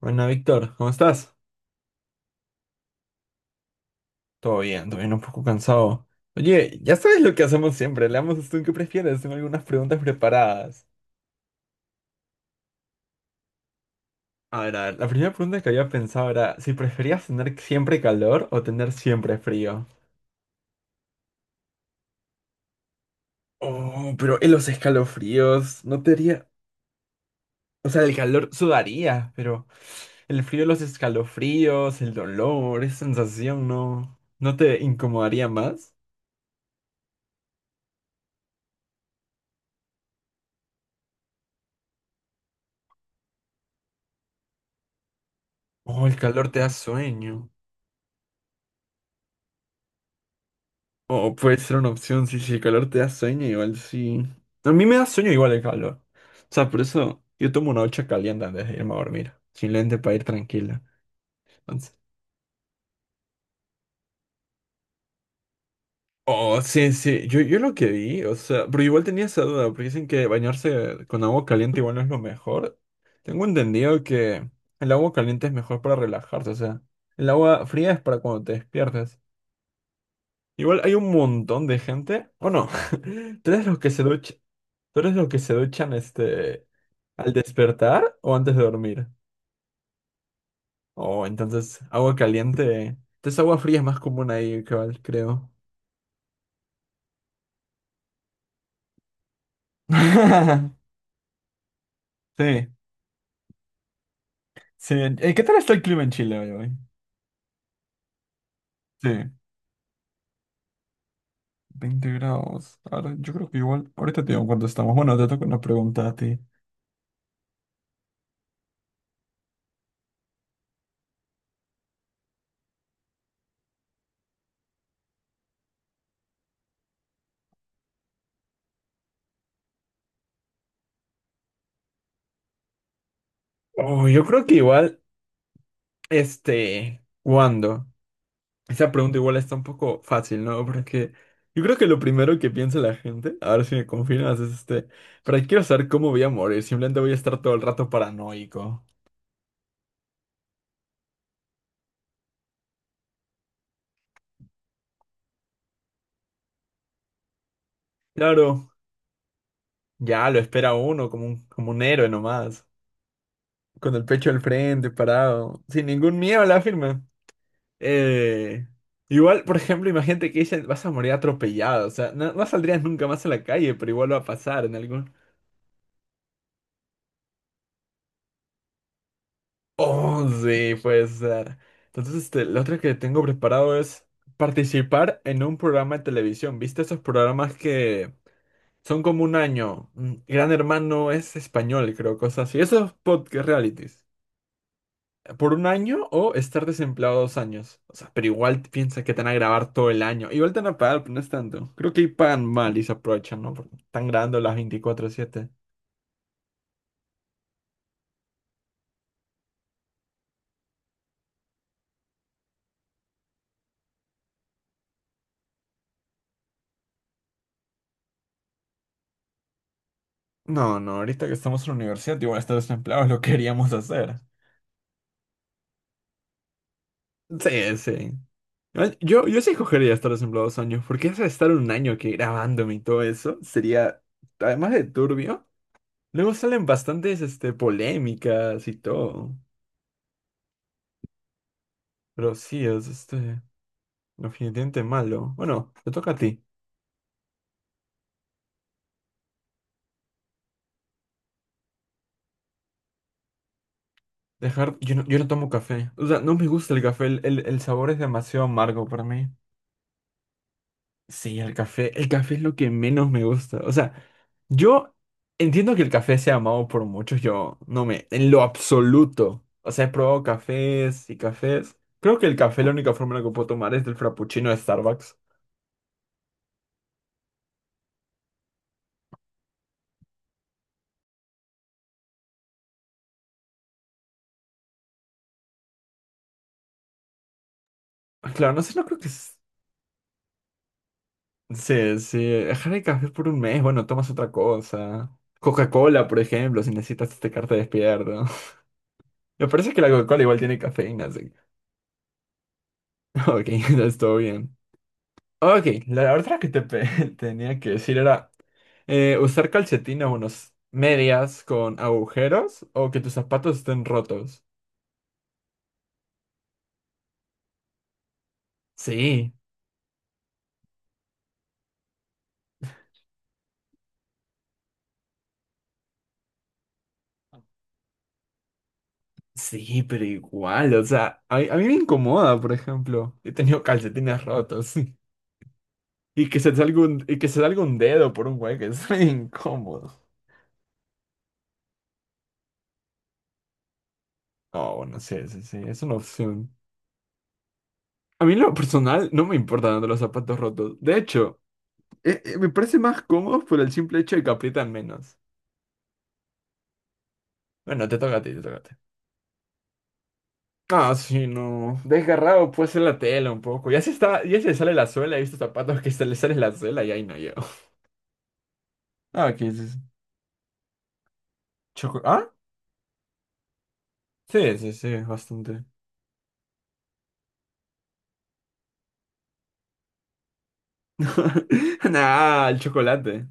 Bueno, Víctor, ¿cómo estás? Todo bien, un poco cansado. Oye, ya sabes lo que hacemos siempre, le damos esto en qué prefieres, tengo algunas preguntas preparadas. A ver, la primera pregunta que había pensado era si preferías tener siempre calor o tener siempre frío. Oh, pero en los escalofríos no te haría... O sea, el calor sudaría, pero el frío, los escalofríos, el dolor, esa sensación no... ¿No te incomodaría más? Oh, el calor te da sueño. O puede ser una opción, sí, si el calor te da sueño, igual sí. A mí me da sueño igual el calor. O sea, por eso yo tomo una ducha caliente antes de irme a dormir. Simplemente para ir tranquila. Entonces. Oh, sí, sí. Yo lo que vi, o sea, pero igual tenía esa duda, porque dicen que bañarse con agua caliente igual no es lo mejor. Tengo entendido que el agua caliente es mejor para relajarse, o sea, el agua fría es para cuando te despiertas. Igual hay un montón de gente, o no, tú eres los que se duchan, tú eres los que se duchan ¿al despertar o antes de dormir? Oh, entonces agua caliente. Entonces agua fría es más común ahí, cabal, creo. Sí, sí. ¿Qué tal está el clima en Chile hoy, hoy? Sí, 20 grados. Ahora, yo creo que igual. Ahorita te digo cuánto estamos. Bueno, te toca una pregunta a ti. Oh, yo creo que igual, ¿cuándo? Esa pregunta igual está un poco fácil, ¿no? Porque yo creo que lo primero que piensa la gente, a ver si me confirmas, es ¿para qué quiero saber cómo voy a morir? Simplemente voy a estar todo el rato paranoico. Claro, ya lo espera uno como un héroe nomás, con el pecho al frente, parado, sin ningún miedo a la firma. Eh, Igual, por ejemplo, imagínate que dicen, vas a morir atropellado, o sea, no, no saldrías nunca más a la calle, pero igual va a pasar en algún... Oh, sí, puede ser. Entonces, la otra que tengo preparado es participar en un programa de televisión. ¿Viste esos programas que son como un año? Mm, Gran Hermano es español, creo, cosas así. Esos podcast realities. Por un año o estar desempleado dos años. O sea, pero igual piensa que te van a grabar todo el año. Igual te van a pagar, pero no es tanto. Creo que ahí pagan mal y se aprovechan, ¿no? Porque están grabando las 24/7. No, no, ahorita que estamos en la universidad, igual estar desempleado lo queríamos hacer. Sí, sí. Ay, yo sí cogería estar desempleado 2 años, porque eso de estar un año que grabándome y todo eso sería, además de turbio, luego salen bastantes polémicas y todo. Pero sí, es definitivamente malo. Bueno, te toca a ti. Dejar, yo no tomo café. O sea, no me gusta el café, el sabor es demasiado amargo para mí. Sí, el café es lo que menos me gusta. O sea, yo entiendo que el café sea amado por muchos, yo no me, en lo absoluto. O sea, he probado cafés y cafés. Creo que el café, la única forma en la que puedo tomar es del frappuccino de Starbucks. Ah, claro, no sé, no creo que s- se dejar el café por un mes, bueno, tomas otra cosa. Coca-Cola, por ejemplo, si necesitas carta despierto. Me parece que la Coca-Cola igual tiene cafeína, así. Que... Ok, está todo bien. Ok, la otra que te pe- tenía que decir era usar calcetines, unos medias con agujeros o que tus zapatos estén rotos. Sí, sí, pero igual, o sea, a mí me incomoda, por ejemplo. He tenido calcetines rotos y que se salga un dedo por un hueco, es re incómodo. Oh, bueno, sí, sí, sí, es una opción. A mí en lo personal no me importan los zapatos rotos. De hecho, me parece más cómodo por el simple hecho de que aprietan menos. Bueno, te toca a ti, te toca a ti. Ah, sí, no. Desgarrado puede ser la tela un poco. Ya se le sale la suela. He visto zapatos que se le sale la suela y ahí no llego. Ah, ¿qué dices? ¿Choco? ¿Ah? Sí, sí, sí, bastante. Nah, el chocolate.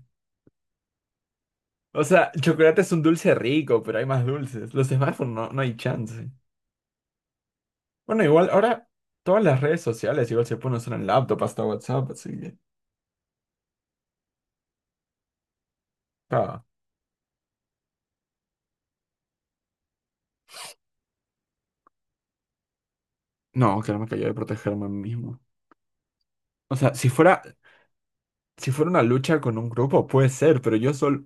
O sea, el chocolate es un dulce rico, pero hay más dulces. Los smartphones no, no hay chance. Bueno, igual ahora todas las redes sociales igual se pueden usar en laptop hasta WhatsApp, así que... Ah. No, que no me cayó de protegerme a mí mismo. O sea, Si fuera una lucha con un grupo, puede ser, pero yo solo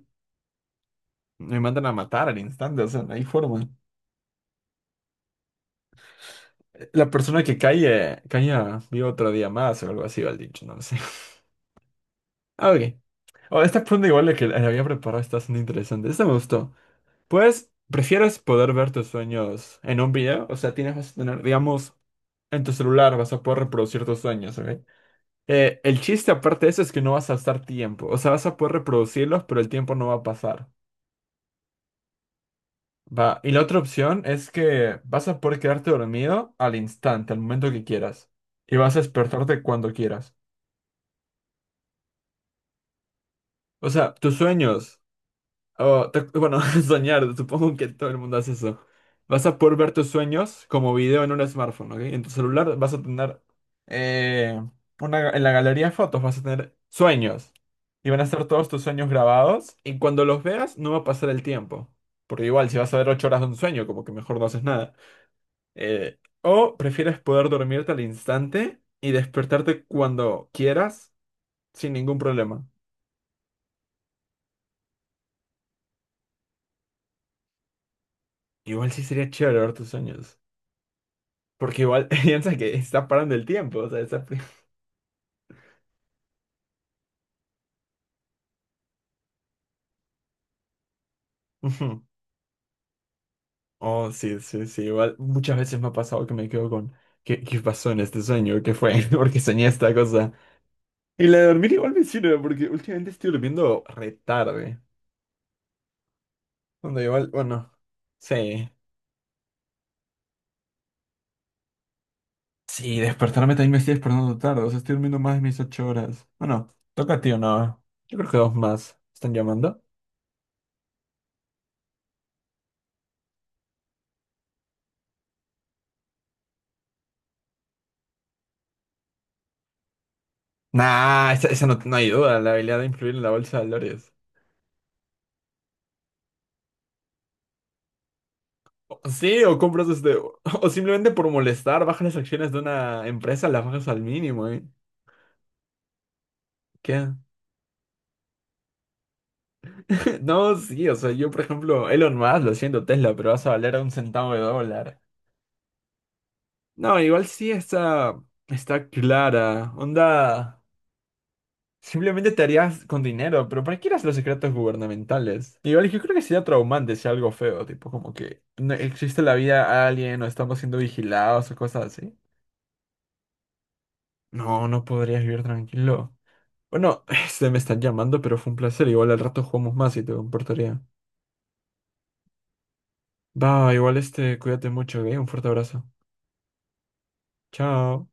me mandan a matar al instante, o sea, no hay forma. La persona que cae, caía vive otro día más o algo así, va el dicho, no lo sé. Ah, ok. Oh, esta pregunta igual la que la había preparado está siendo interesante. Esta me gustó. Pues, ¿prefieres poder ver tus sueños en un video? O sea, tienes, vas a tener, digamos, en tu celular vas a poder reproducir tus sueños, ¿ok? El chiste aparte de eso es que no vas a estar tiempo. O sea, vas a poder reproducirlos, pero el tiempo no va a pasar. Va, y la otra opción es que vas a poder quedarte dormido al instante, al momento que quieras. Y vas a despertarte cuando quieras. O sea, tus sueños, bueno, soñar, supongo que todo el mundo hace eso. Vas a poder ver tus sueños como video en un smartphone, ¿ok? En tu celular vas a tener, eh, en la galería de fotos vas a tener sueños. Y van a estar todos tus sueños grabados. Y cuando los veas, no va a pasar el tiempo. Porque igual, si vas a ver 8 horas de un sueño, como que mejor no haces nada. O prefieres poder dormirte al instante y despertarte cuando quieras sin ningún problema. Igual sí sería chévere ver tus sueños. Porque igual piensa que está parando el tiempo. O sea, está... Ujú. Oh, sí, sí, sí. Igual muchas veces me ha pasado que me quedo con... ¿Qué pasó en este sueño? ¿Qué fue? Porque soñé esta cosa. Y la de dormir igual me sirve porque últimamente estoy durmiendo re tarde. Cuando igual, bueno, sí. Sí, despertarme también me estoy despertando tarde, o sea, estoy durmiendo más de mis 8 horas. Bueno, toca a ti o no. Yo creo que dos más. ¿Están llamando? Nah, esa no, no hay duda, la habilidad de influir en la bolsa de valores. O... Sí, o compras o simplemente por molestar, bajas las acciones de una empresa, las bajas al mínimo, ¿eh? ¿Qué? No, sí, o sea, yo por ejemplo, Elon Musk, lo siento Tesla, pero vas a valer a un centavo de dólar. No, igual sí está, está clara. Onda. Simplemente te harías con dinero, pero ¿para qué eras los secretos gubernamentales? Igual yo creo que sería traumante, sea algo feo, tipo como que no existe la vida a alguien o estamos siendo vigilados o cosas así. No, no podrías vivir tranquilo. Bueno, este me están llamando, pero fue un placer. Igual al rato jugamos más y te comportaría. Va, igual este, cuídate mucho, ¿ok? Un fuerte abrazo. Chao.